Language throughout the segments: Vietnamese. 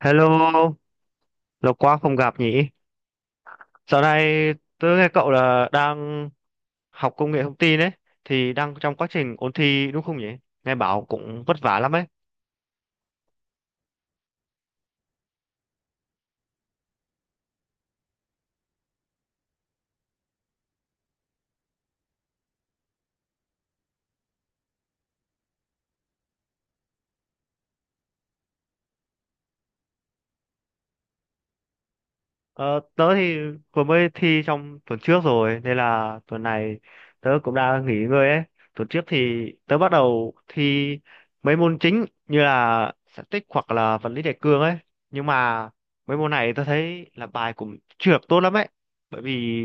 Hello, lâu quá không gặp nhỉ? Dạo này tớ nghe cậu là đang học công nghệ thông tin ấy, thì đang trong quá trình ôn thi đúng không nhỉ? Nghe bảo cũng vất vả lắm ấy. Ờ, Tớ thì vừa mới thi trong tuần trước rồi, nên là tuần này tớ cũng đang nghỉ ngơi ấy. Tuần trước thì tớ bắt đầu thi mấy môn chính như là static tích hoặc là vật lý đại cương ấy. Nhưng mà mấy môn này tớ thấy là bài cũng chưa được tốt lắm ấy. Bởi vì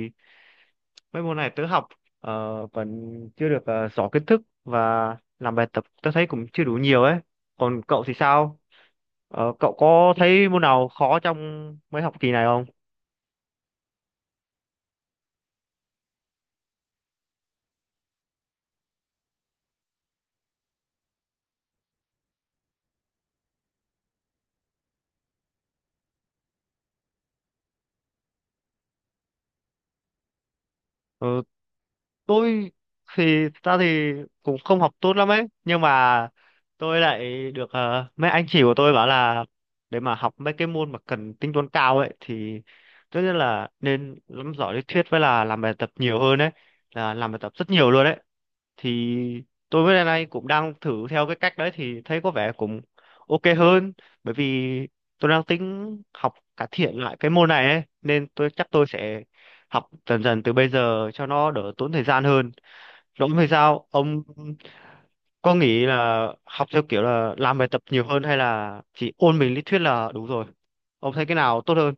mấy môn này tớ học vẫn chưa được rõ kiến thức và làm bài tập tớ thấy cũng chưa đủ nhiều ấy, còn cậu thì sao? Cậu có thấy môn nào khó trong mấy học kỳ này không? Ờ, tôi thì thật ra thì cũng không học tốt lắm ấy, nhưng mà tôi lại được mấy anh chị của tôi bảo là để mà học mấy cái môn mà cần tính toán cao ấy thì tất nhiên là nên nắm rõ lý thuyết với là làm bài tập nhiều hơn ấy, là làm bài tập rất nhiều luôn đấy. Thì tôi với lại này cũng đang thử theo cái cách đấy thì thấy có vẻ cũng ok hơn, bởi vì tôi đang tính học cải thiện lại cái môn này ấy nên tôi chắc tôi sẽ học dần dần từ bây giờ cho nó đỡ tốn thời gian hơn. Rỗng hay sao ông có nghĩ là học theo kiểu là làm bài tập nhiều hơn hay là chỉ ôn mình lý thuyết là đủ rồi, ông thấy cái nào tốt hơn?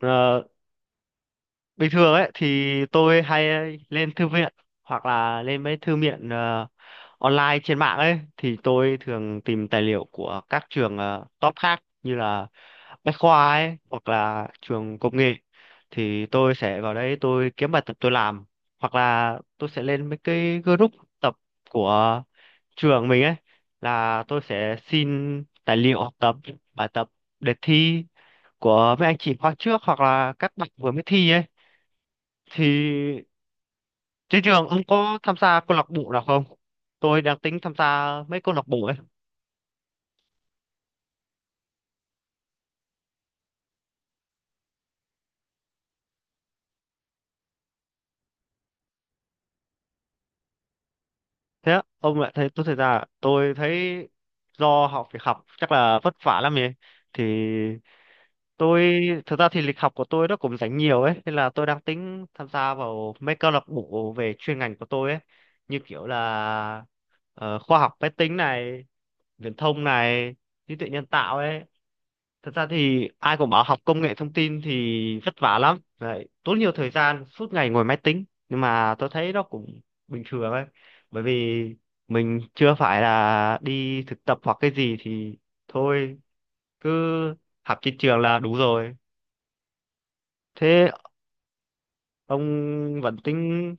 Ừ, bình thường ấy thì tôi hay lên thư viện hoặc là lên mấy thư viện online trên mạng ấy, thì tôi thường tìm tài liệu của các trường top khác như là Bách Khoa ấy hoặc là trường công nghệ, thì tôi sẽ vào đấy tôi kiếm bài tập tôi làm, hoặc là tôi sẽ lên mấy cái group tập của trường mình ấy, là tôi sẽ xin tài liệu học tập, bài tập, đề thi của mấy anh chị khóa trước hoặc là các bạn vừa mới thi ấy. Thì trên trường ông có tham gia câu lạc bộ nào không? Tôi đang tính tham gia mấy câu lạc bộ ấy. Thế á, ông lại thấy tôi thấy do học việc học chắc là vất vả lắm ấy. Thì tôi thực ra thì lịch học của tôi nó cũng rảnh nhiều ấy nên là tôi đang tính tham gia vào mấy câu lạc bộ về chuyên ngành của tôi ấy, như kiểu là khoa học máy tính này, viễn thông này, trí tuệ nhân tạo ấy. Thật ra thì ai cũng bảo học công nghệ thông tin thì vất vả lắm đấy, tốn nhiều thời gian suốt ngày ngồi máy tính, nhưng mà tôi thấy nó cũng bình thường ấy, bởi vì mình chưa phải là đi thực tập hoặc cái gì thì thôi cứ học trên trường là đủ rồi. Thế ông vẫn tính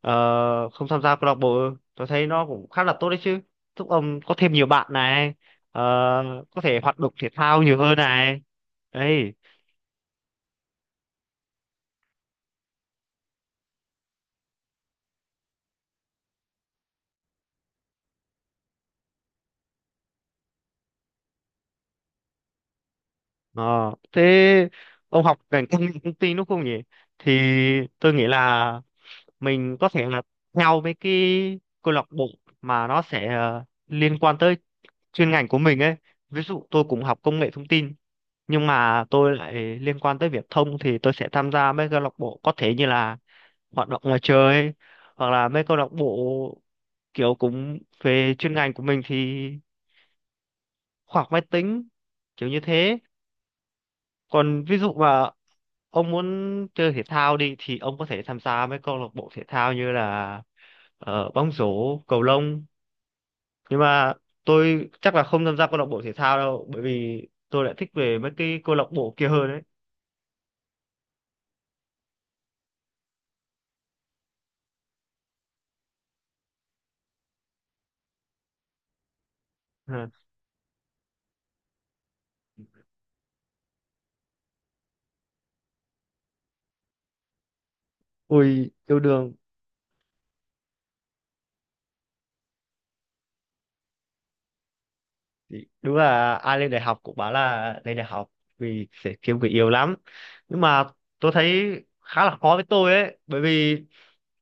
không tham gia câu lạc bộ? Tôi thấy nó cũng khá là tốt đấy chứ, giúp ông có thêm nhiều bạn này, ờ, có thể hoạt động thể thao nhiều hơn này, đấy. Ờ, Thế ông học ngành công nghệ thông tin đúng không nhỉ? Thì tôi nghĩ là mình có thể là theo mấy cái câu lạc bộ mà nó sẽ liên quan tới chuyên ngành của mình ấy. Ví dụ tôi cũng học công nghệ thông tin nhưng mà tôi lại liên quan tới viễn thông thì tôi sẽ tham gia mấy câu lạc bộ có thể như là hoạt động ngoài trời ấy, hoặc là mấy câu lạc bộ kiểu cũng về chuyên ngành của mình thì khoa học máy tính, kiểu như thế. Còn ví dụ mà ông muốn chơi thể thao đi thì ông có thể tham gia mấy câu lạc bộ thể thao như là bóng rổ, cầu lông, nhưng mà tôi chắc là không tham gia câu lạc bộ thể thao đâu bởi vì tôi lại thích về mấy cái câu lạc bộ kia hơn đấy. Ờ, ui yêu đương. Đúng là ai lên đại học cũng bảo là lên đại học vì sẽ kiếm người yêu lắm, nhưng mà tôi thấy khá là khó với tôi ấy, bởi vì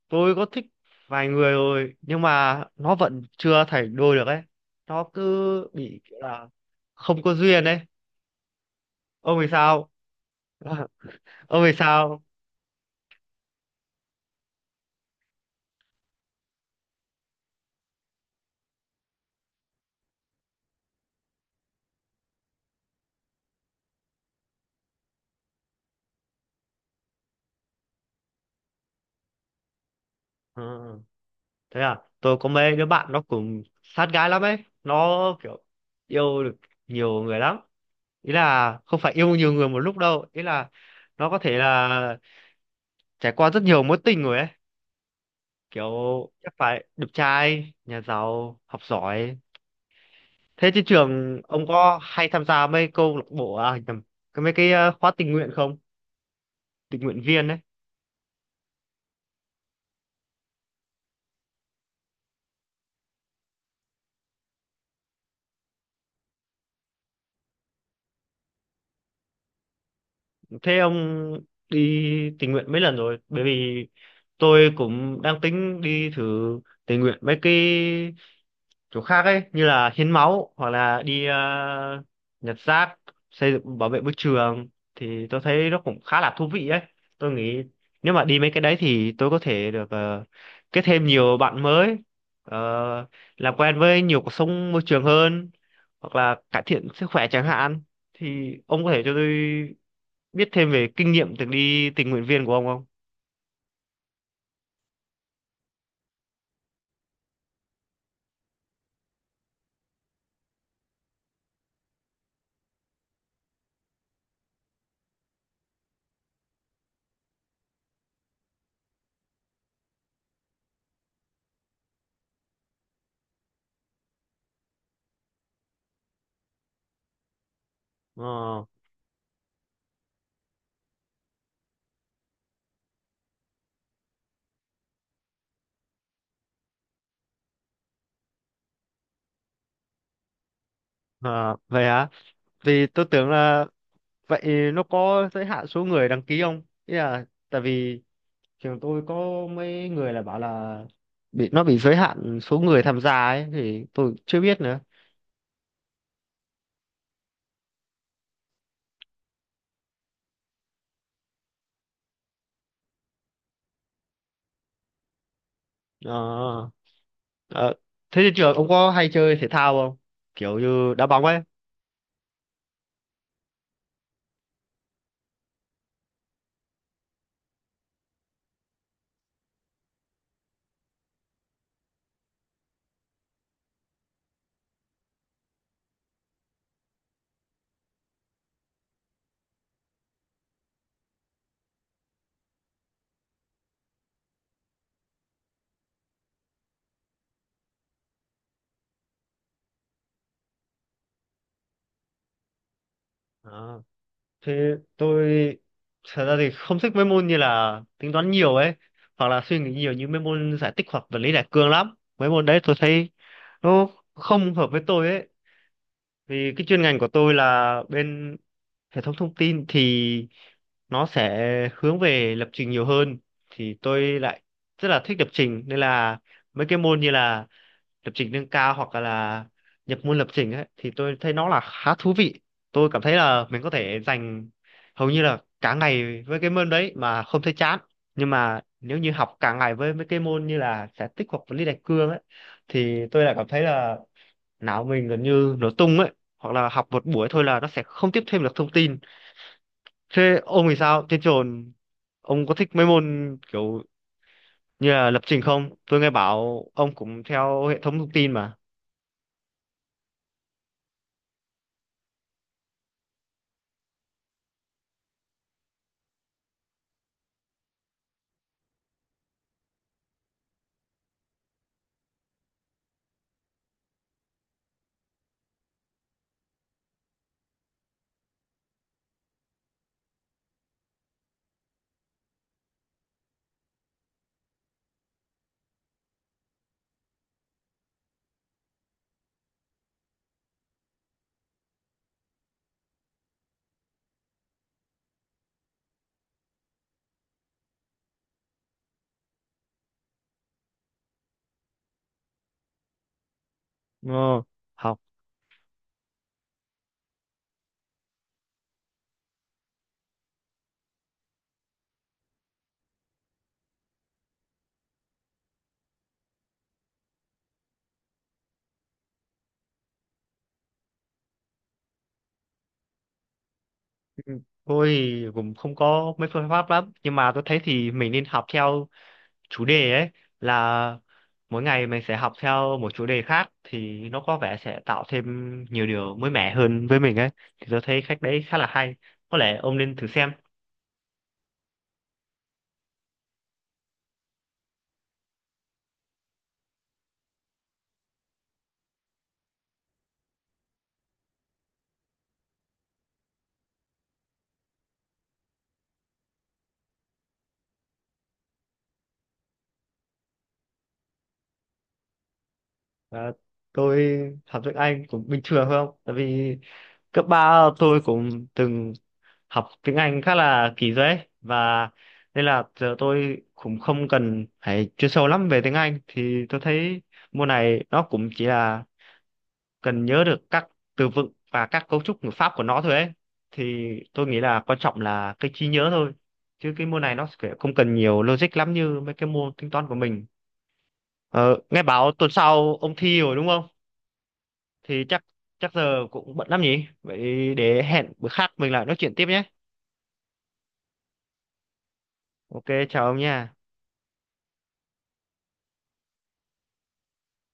tôi có thích vài người rồi nhưng mà nó vẫn chưa thành đôi được ấy, nó cứ bị kiểu là không có duyên ấy. Ông thì sao? Ông thì sao? Ừ, thế à, tôi có mấy đứa bạn nó cũng sát gái lắm ấy, nó kiểu yêu được nhiều người lắm, ý là không phải yêu nhiều người một lúc đâu, ý là nó có thể là trải qua rất nhiều mối tình rồi ấy, kiểu chắc phải đẹp trai nhà giàu học giỏi. Thế trên trường ông có hay tham gia mấy câu lạc bộ, à nhầm, cái mấy cái khóa tình nguyện không, tình nguyện viên ấy? Thế ông đi tình nguyện mấy lần rồi, bởi vì tôi cũng đang tính đi thử tình nguyện mấy cái chỗ khác ấy, như là hiến máu hoặc là đi nhặt rác, xây dựng bảo vệ môi trường, thì tôi thấy nó cũng khá là thú vị ấy. Tôi nghĩ nếu mà đi mấy cái đấy thì tôi có thể được kết thêm nhiều bạn mới, ờ, làm quen với nhiều cuộc sống môi trường hơn hoặc là cải thiện sức khỏe chẳng hạn. Thì ông có thể cho tôi biết thêm về kinh nghiệm từng đi tình nguyện viên của ông không? Ờ, ờ, vậy hả? Vì tôi tưởng là vậy nó có giới hạn số người đăng ký không? Ý là tại vì trường tôi có mấy người là bảo là bị nó bị giới hạn số người tham gia ấy, thì tôi chưa biết nữa. Ờ, ờ, thế thì trường ông có hay chơi thể thao không? Kiểu như đá bóng ấy. Ờ, Thế tôi thật ra thì không thích mấy môn như là tính toán nhiều ấy, hoặc là suy nghĩ nhiều như mấy môn giải tích hoặc vật lý đại cương lắm. Mấy môn đấy tôi thấy nó không hợp với tôi ấy. Vì cái chuyên ngành của tôi là bên hệ thống thông tin thì nó sẽ hướng về lập trình nhiều hơn, thì tôi lại rất là thích lập trình nên là mấy cái môn như là lập trình nâng cao hoặc là nhập môn lập trình ấy thì tôi thấy nó là khá thú vị. Tôi cảm thấy là mình có thể dành hầu như là cả ngày với cái môn đấy mà không thấy chán. Nhưng mà nếu như học cả ngày với mấy cái môn như là sẽ tích hợp với lý đại cương ấy thì tôi lại cảm thấy là não mình gần như nổ tung ấy, hoặc là học một buổi thôi là nó sẽ không tiếp thêm được thông tin. Thế ông thì sao, trên trường ông có thích mấy môn kiểu như là lập trình không, tôi nghe bảo ông cũng theo hệ thống thông tin mà. Ờ, học Ừ, tôi thì cũng không có mấy phương pháp lắm nhưng mà tôi thấy thì mình nên học theo chủ đề ấy, là mỗi ngày mình sẽ học theo một chủ đề khác thì nó có vẻ sẽ tạo thêm nhiều điều mới mẻ hơn với mình ấy. Thì tôi thấy cách đấy khá là hay, có lẽ ông nên thử xem. Ờ, tôi học tiếng Anh cũng bình thường thôi không? Tại vì cấp 3 tôi cũng từng học tiếng Anh khá là kỳ rồi ấy. Và nên là giờ tôi cũng không cần phải chuyên sâu lắm về tiếng Anh, thì tôi thấy môn này nó cũng chỉ là cần nhớ được các từ vựng và các cấu trúc ngữ pháp của nó thôi ấy. Thì tôi nghĩ là quan trọng là cái trí nhớ thôi. Chứ cái môn này nó sẽ không cần nhiều logic lắm như mấy cái môn tính toán của mình. Ờ, nghe bảo tuần sau ông thi rồi đúng không? Thì chắc chắc giờ cũng bận lắm nhỉ, vậy để hẹn bữa khác mình lại nói chuyện tiếp nhé. Ok, chào ông nha.